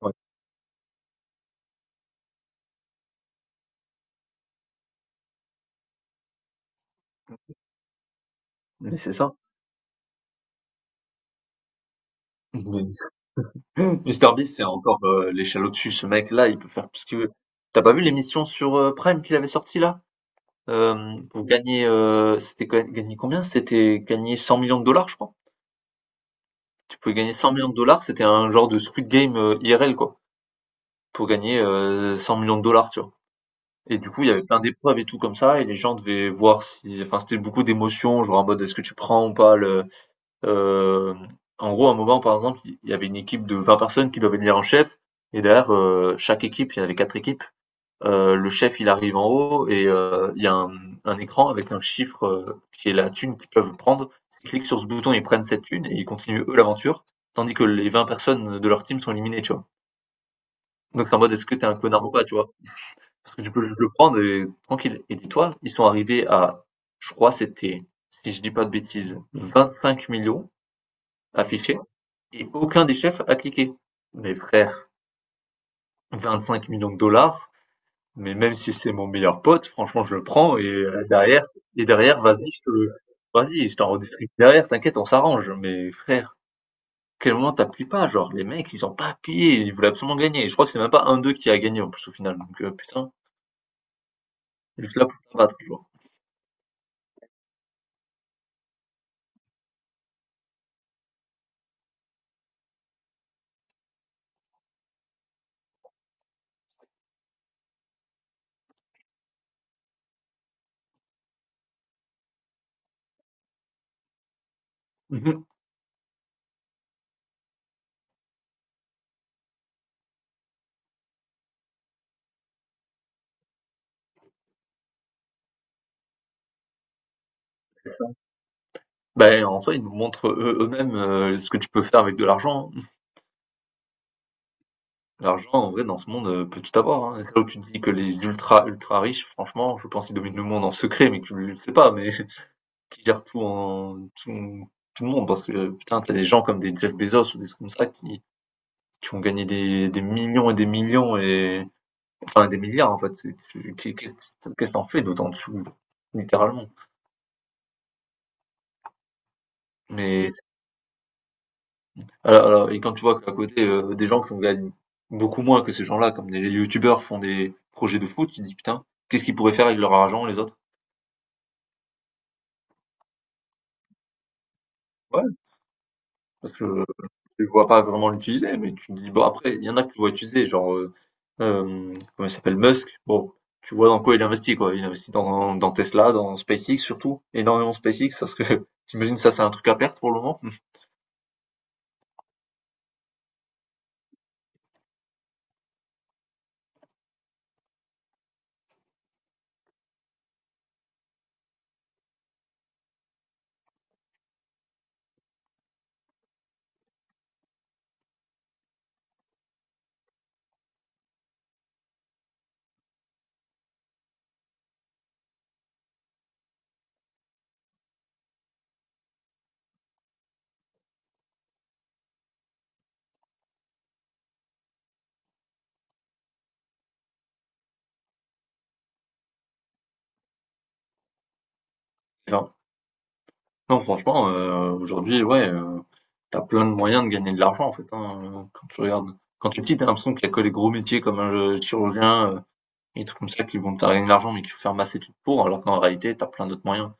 Ouais, mais c'est ça. Mais Mister Beast, c'est encore, l'échelle au-dessus. Ce mec-là, il peut faire tout ce qu'il veut. T'as pas vu l'émission sur, Prime qu'il avait sortie là? Pour gagner, c'était ga gagner combien? C'était gagner 100 de dollars, je crois. Tu pouvais gagner 100 de dollars, c'était un genre de Squid Game, IRL, quoi, pour gagner, millions de dollars, tu vois? Et du coup, il y avait plein d'épreuves et tout comme ça, et les gens devaient voir si enfin, c'était beaucoup d'émotions, genre en mode: «Est-ce que tu prends ou pas le Heu, en gros, à un moment, par exemple, il y avait une équipe de 20 personnes qui doivent élire un chef, et derrière, chaque équipe, il y en avait 4 équipes, le chef, il arrive en haut, et il y a un écran avec un chiffre, qui est la thune qu'ils peuvent prendre. Ils cliquent sur ce bouton, ils prennent cette thune et ils continuent, eux, l'aventure, tandis que les 20 personnes de leur team sont éliminées, tu vois? Donc tu en mode: «Est-ce que t'es un connard ou pas?», tu vois? Parce que tu peux juste le prendre et tranquille, et dis-toi, ils sont arrivés à, je crois, c'était, si je dis pas de bêtises, 25 millions affichés, et aucun des chefs a cliqué. Mais frère, 25 millions de dollars, mais même si c'est mon meilleur pote, franchement, je le prends et derrière, et derrière, vas-y, vas-y, je t'en redistribue derrière, t'inquiète, on s'arrange. Mais frère, quel moment t'appuies pas? Genre, les mecs, ils ont pas appuyé, ils voulaient absolument gagner. Et je crois que c'est même pas un d'eux qui a gagné en plus au final. Donc, putain, juste là pour te battre, genre. Mhm. Ben, en soi, ils nous montrent eux-mêmes ce que tu peux faire avec de l'argent, hein. L'argent, en vrai, dans ce monde, peut tout avoir, hein. Là où tu dis que les ultra, ultra riches, franchement, je pense qu'ils dominent le monde en secret, mais que tu le sais pas, mais qui gèrent tout en tout le monde. Parce que putain, t'as des gens comme des Jeff Bezos ou des trucs comme ça qui ont gagné des millions et des millions et enfin des milliards, en fait. C'est tu qu'est-ce que tu en fais d'autant dessous? Littéralement. Mais alors et quand tu vois qu'à côté, des gens qui ont gagné beaucoup moins que ces gens-là, comme des youtubeurs font des projets de foot, tu te dis: «Putain, qu'est-ce qu'ils pourraient faire avec leur argent, les autres?» Parce que tu vois pas vraiment l'utiliser, mais tu te dis, bon, après, il y en a que tu vois utiliser, genre, comment il s'appelle, Musk. Bon, tu vois dans quoi. Il investit dans, dans Tesla, dans SpaceX surtout, énormément SpaceX, parce que t'imagines ça, c'est un truc à perte pour le moment. Enfin, non, franchement, aujourd'hui, ouais, t'as plein de moyens de gagner de l'argent, en fait, hein, quand tu regardes. Quand t'es petit, t'as l'impression qu'il y a que les gros métiers comme un chirurgien et tout comme ça qui vont te faire gagner de l'argent, mais qu'il faut faire maths études pour, alors qu'en réalité, t'as plein d'autres moyens.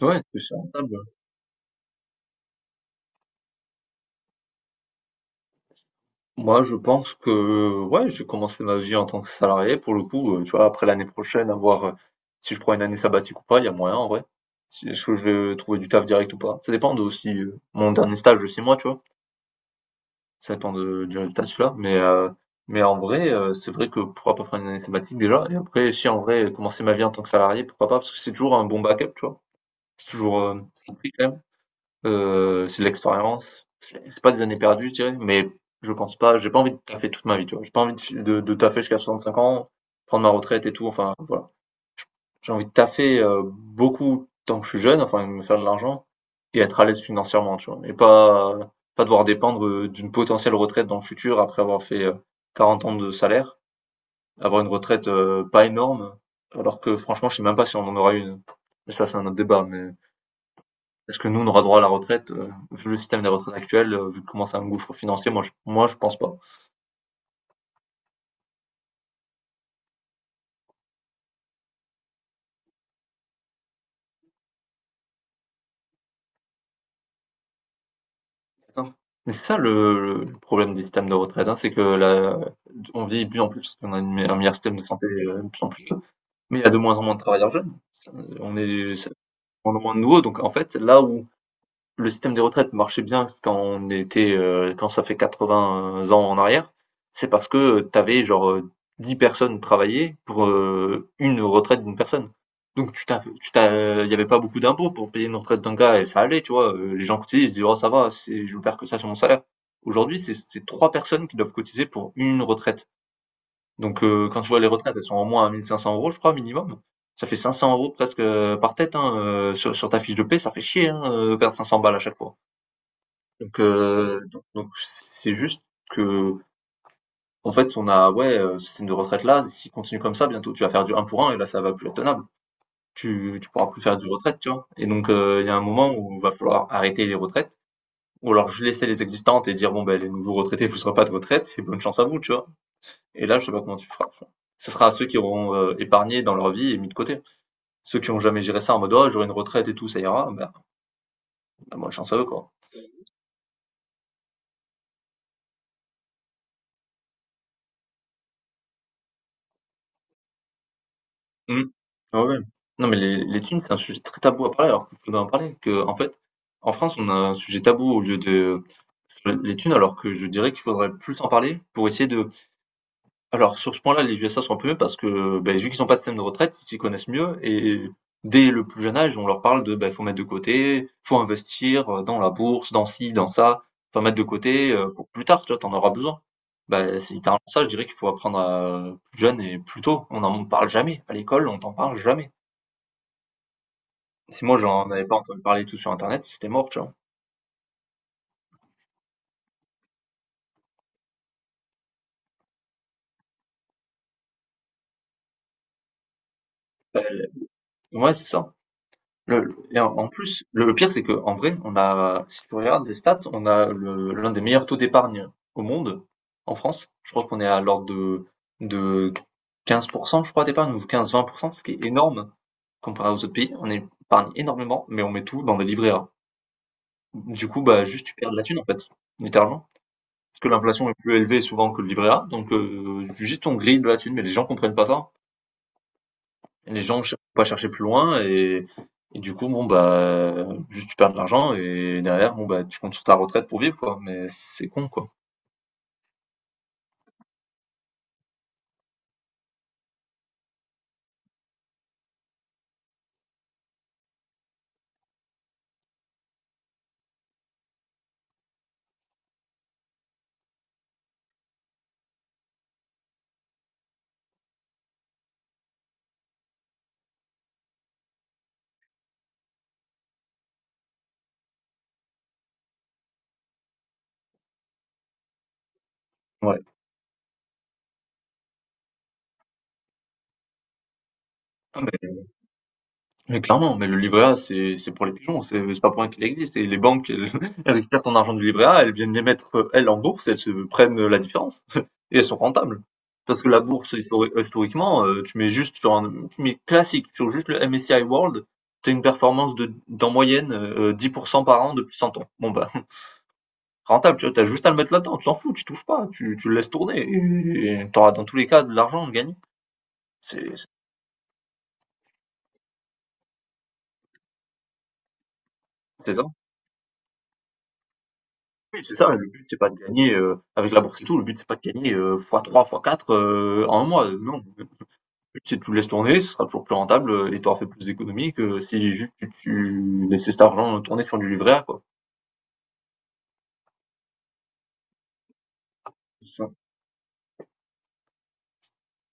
Ouais, c'est sûr. Moi, je pense que, ouais, j'ai commencé ma vie en tant que salarié. Pour le coup, tu vois, après l'année prochaine, à voir si je prends une année sabbatique ou pas, il y a moyen en vrai. Est-ce que je vais trouver du taf direct ou pas? Ça dépend de aussi mon dernier stage de 6 mois, tu vois. Ça dépend de, du résultat de celui-là. Mais en vrai, c'est vrai que pourquoi pas prendre une année sabbatique déjà? Et après, si en vrai, commencer ma vie en tant que salarié, pourquoi pas? Parce que c'est toujours un bon backup, tu vois. C'est toujours, ça prie quand même. C'est de l'expérience. C'est pas des années perdues, je dirais, mais je pense pas j'ai pas envie de taffer toute ma vie, tu vois? J'ai pas envie de fi de taffer jusqu'à 65 ans, prendre ma retraite et tout, enfin, voilà. J'ai envie de taffer, beaucoup tant que je suis jeune, enfin, me faire de l'argent et être à l'aise financièrement, tu vois? Et pas devoir dépendre, d'une potentielle retraite dans le futur après avoir fait, 40 ans de salaire. Avoir une retraite, pas énorme, alors que franchement, je sais même pas si on en aura une. Mais ça, c'est un autre débat, mais est-ce que nous, on aura droit à la retraite? Vu le système des retraites actuel, vu comment c'est un gouffre financier, moi je pense pas. Attends, mais c'est ça le problème des systèmes de retraite, hein, c'est que la on vieillit de plus en plus, parce qu'on a un meilleur système de santé, de plus en plus, mais il y a de moins en moins de travailleurs jeunes. Ça, on est ça de moins en moins de nouveaux, donc en fait, là où le système de retraite marchait bien quand on était, quand ça fait 80 ans en arrière, c'est parce que tu avais genre, 10 personnes travailler pour, une retraite d'une personne. Donc tu t'as il y avait pas beaucoup d'impôts pour payer une retraite d'un gars et ça allait, tu vois? Les gens cotisaient, ils se disaient: «Oh, ça va, c'est je perds que ça sur mon salaire». Aujourd'hui, c'est 3 personnes qui doivent cotiser pour une retraite. Donc quand tu vois les retraites, elles sont au moins à 1 500 € je crois minimum. Ça fait 500 € presque, par tête, hein, sur ta fiche de paie, ça fait chier, hein, perdre 500 balles à chaque fois. Donc, c'est juste que, en fait, on a ouais, ce système de retraite-là, s'il continue comme ça, bientôt tu vas faire du un pour un et là, ça va plus être tenable. Tu pourras plus faire du retraite, tu vois? Et donc, il y a un moment où il va falloir arrêter les retraites ou alors je laisser les existantes et dire: «Bon, ben, les nouveaux retraités, vous aurez pas de retraite et bonne chance à vous», tu vois? Et là, je sais pas comment tu feras, tu vois? Ce sera à ceux qui auront, épargné dans leur vie et mis de côté. Ceux qui ont jamais géré ça en mode: «Oh, j'aurai une retraite et tout, ça ira», ben ben, bonne chance à eux, quoi. Mmh. Ah, ouais. Non, mais les thunes, c'est un sujet très tabou à parler, alors qu'il faudrait en parler. Que, en fait, en France, on a un sujet tabou au lieu de sur les thunes, alors que je dirais qu'il faudrait plus en parler pour essayer de alors sur ce point-là, les USA sont un peu mieux parce que, beh, vu qu'ils ont pas de système de retraite, ils s'y connaissent mieux, et dès le plus jeune âge, on leur parle de, bah, faut mettre de côté, faut investir, dans la bourse, dans ci, dans ça, faut mettre de côté, pour plus tard, tu vois? T'en auras besoin. Bah, c'est littéralement ça, je dirais qu'il faut apprendre, plus jeune et plus tôt. On n'en parle jamais. À l'école, on t'en parle jamais. Si moi j'en avais pas entendu parler tout sur internet, c'était mort, tu vois? Bah, ouais, c'est ça. Le et en plus, le pire, c'est que en vrai, on a si tu regardes les stats, on a le l'un des meilleurs taux d'épargne au monde, en France. Je crois qu'on est à l'ordre de 15 je crois, d'épargne ou 15-20, ce qui est énorme comparé aux autres pays. On épargne énormément, mais on met tout dans des livrets A. Du coup, bah, juste tu perds de la thune, en fait, littéralement. Parce que l'inflation est plus élevée souvent que le livret A, donc juste on grille de la thune, mais les gens comprennent pas ça. Les gens ch pas chercher plus loin, et du coup, bon, bah, juste tu perds de l'argent, et derrière, bon, bah, tu comptes sur ta retraite pour vivre, quoi. Mais c'est con, quoi. Ouais. Ah, mais clairement, mais le livret A, c'est pour les pigeons, c'est pas pour rien qu'il existe. Et les banques, elles, elles récupèrent ton argent du livret A, elles viennent les mettre, elles, en bourse, elles se prennent la différence et elles sont rentables. Parce que la bourse, historiquement, tu mets juste sur un, tu mets classique, sur juste le MSCI World, t'as une performance de, d'en moyenne, 10% par an depuis 100 ans. Bon, bah, rentable, tu vois, t'as juste à le mettre là-dedans, tu t'en fous, tu touches pas, tu le laisses tourner, et t'auras dans tous les cas de l'argent de gagner. C'est c'est- c'est ça. Oui, c'est ça, le but c'est pas de gagner avec la bourse et tout, le but c'est pas de gagner x3, x4 en un mois. Non, le but c'est que tu le laisses tourner, ce sera toujours plus rentable et t'auras fait plus d'économies que si juste tu laissais cet argent tourner sur du livret A, quoi.